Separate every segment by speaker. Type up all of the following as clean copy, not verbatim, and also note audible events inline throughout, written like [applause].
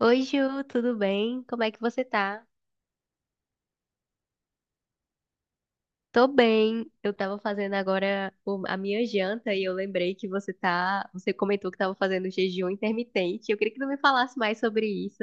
Speaker 1: Oi, Ju, tudo bem? Como é que você tá? Tô bem. Eu tava fazendo agora a minha janta e eu lembrei que você comentou que tava fazendo jejum intermitente. Eu queria que tu me falasse mais sobre isso.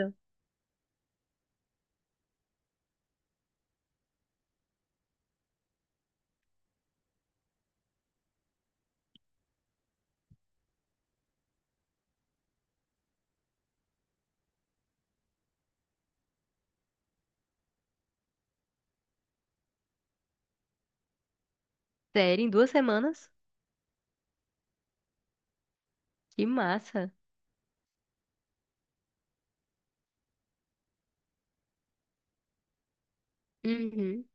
Speaker 1: Sério, em 2 semanas? Que massa. Uhum.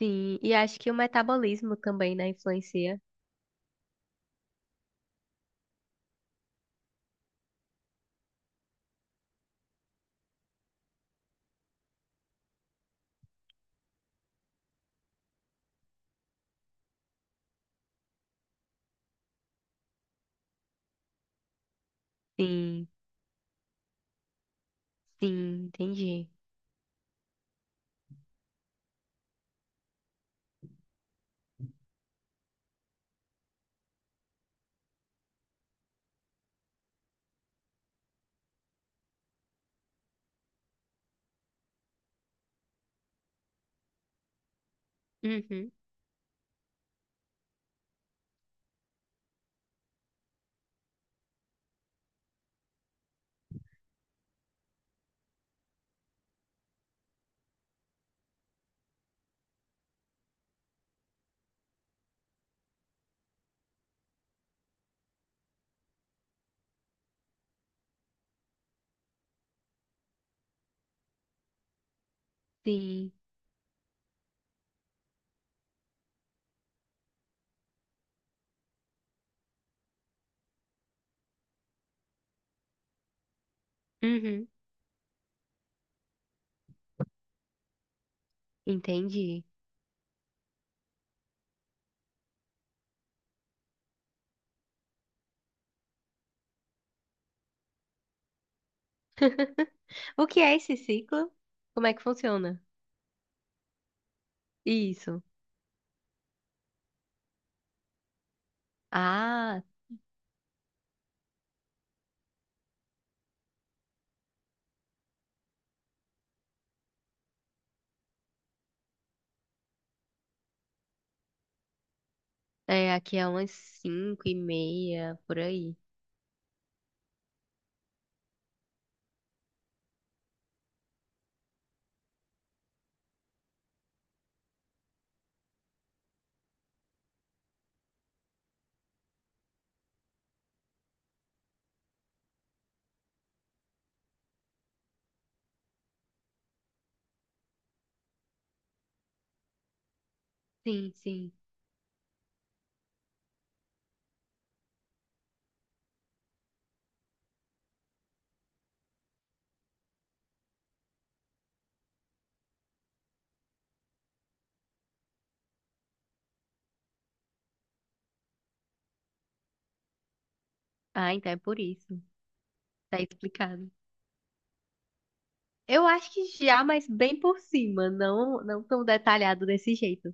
Speaker 1: Sim, e acho que o metabolismo também, né, influencia. Sim, sim, entendi. Uhum. Sim. Uhum. Entendi. [laughs] O que é esse ciclo? Como é que funciona? Isso. Ah, é, aqui é umas 5h30, por aí. Sim, sim. Ah, então é por isso. Tá explicado. Eu acho que já, mas bem por cima, não, não tão detalhado desse jeito.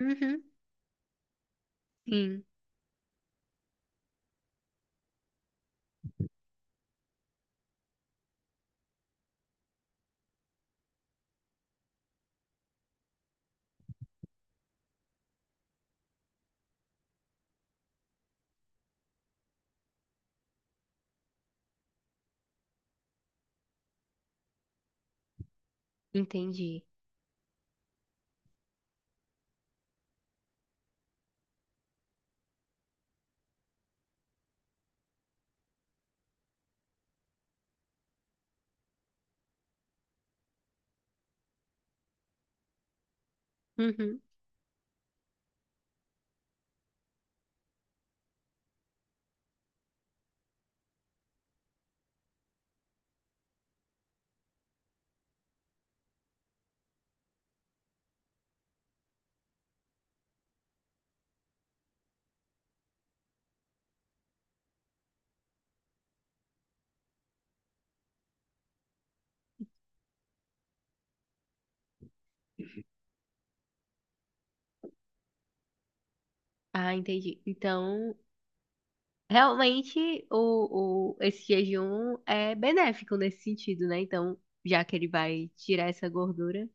Speaker 1: Uhum. Sim, entendi. Uhum. Ah, entendi. Então, realmente, esse jejum é benéfico nesse sentido, né? Então, já que ele vai tirar essa gordura.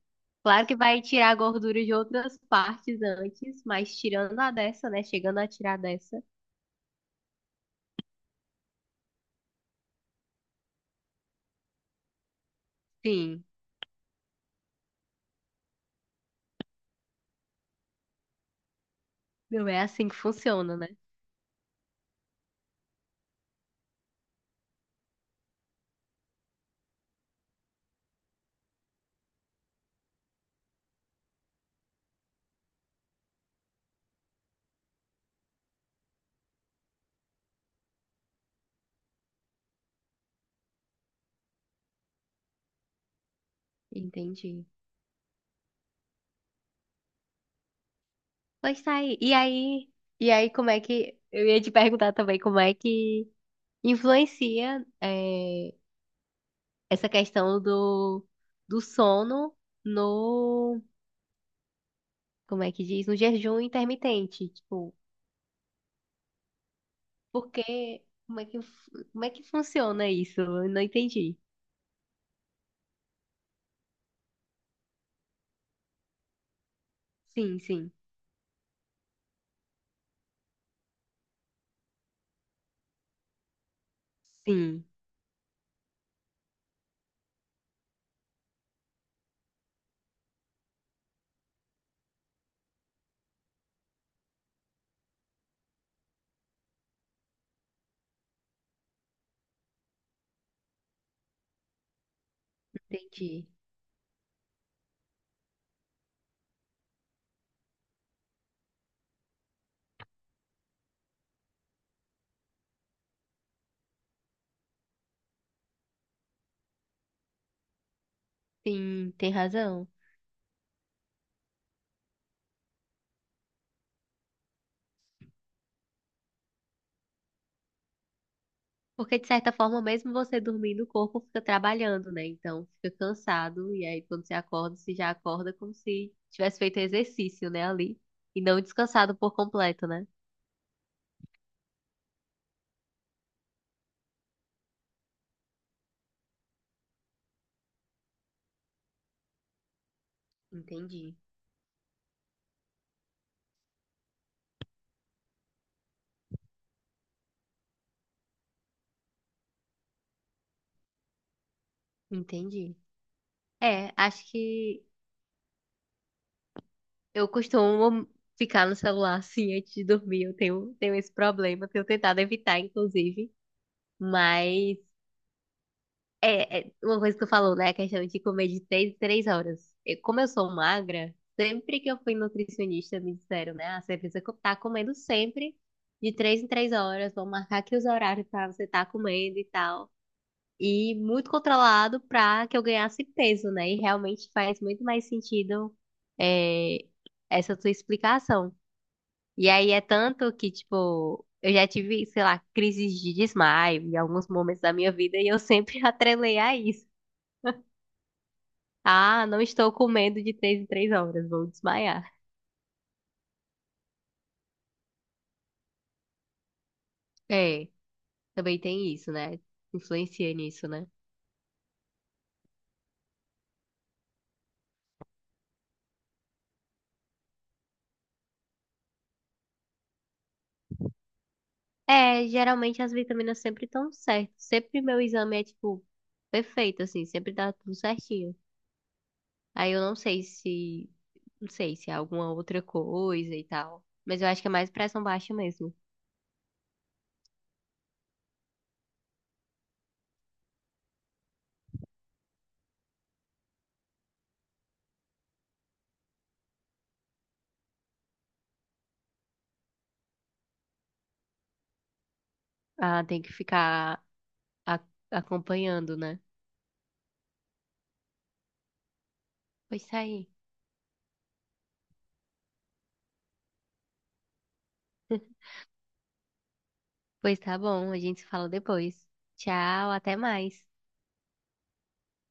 Speaker 1: Claro que vai tirar a gordura de outras partes antes, mas tirando a dessa, né? Chegando a tirar dessa. Sim, meu, é assim que funciona, né? Entendi. Pois tá aí. E aí, eu ia te perguntar também como é que influencia essa questão do sono no, como é que diz, no jejum intermitente, tipo, porque, como é que funciona isso? Eu não entendi. Sim, sim, sim, entendi. Sim, tem razão. Porque, de certa forma, mesmo você dormindo, o corpo fica trabalhando, né? Então, fica cansado. E aí, quando você acorda, você já acorda como se tivesse feito exercício, né? Ali. E não descansado por completo, né? Entendi. Entendi. É, acho que eu costumo ficar no celular, assim, antes de dormir. Eu tenho esse problema. Tenho tentado evitar, inclusive. Mas é uma coisa que tu falou, né? A questão de comer de 3 em 3 horas. Como eu sou magra, sempre que eu fui nutricionista, me disseram, né? Ah, você precisa tá comendo sempre de 3 em 3 horas. Vão marcar aqui os horários pra você estar comendo e tal. E muito controlado pra que eu ganhasse peso, né? E realmente faz muito mais sentido, é, essa tua explicação. E aí é tanto que, tipo, eu já tive, sei lá, crises de desmaio em alguns momentos da minha vida e eu sempre [laughs] atrelei a isso. Ah, não estou comendo de 3 em 3 horas, vou desmaiar. É, também tem isso, né? Influencia nisso, né? É, geralmente as vitaminas sempre estão certas. Sempre meu exame é, tipo, perfeito, assim, sempre dá tudo certinho. Aí eu não sei se é alguma outra coisa e tal. Mas eu acho que é mais pressão baixa mesmo. Ah, tem que ficar a- acompanhando, né? Pois tá aí. [laughs] Pois tá bom, a gente se fala depois. Tchau, até mais.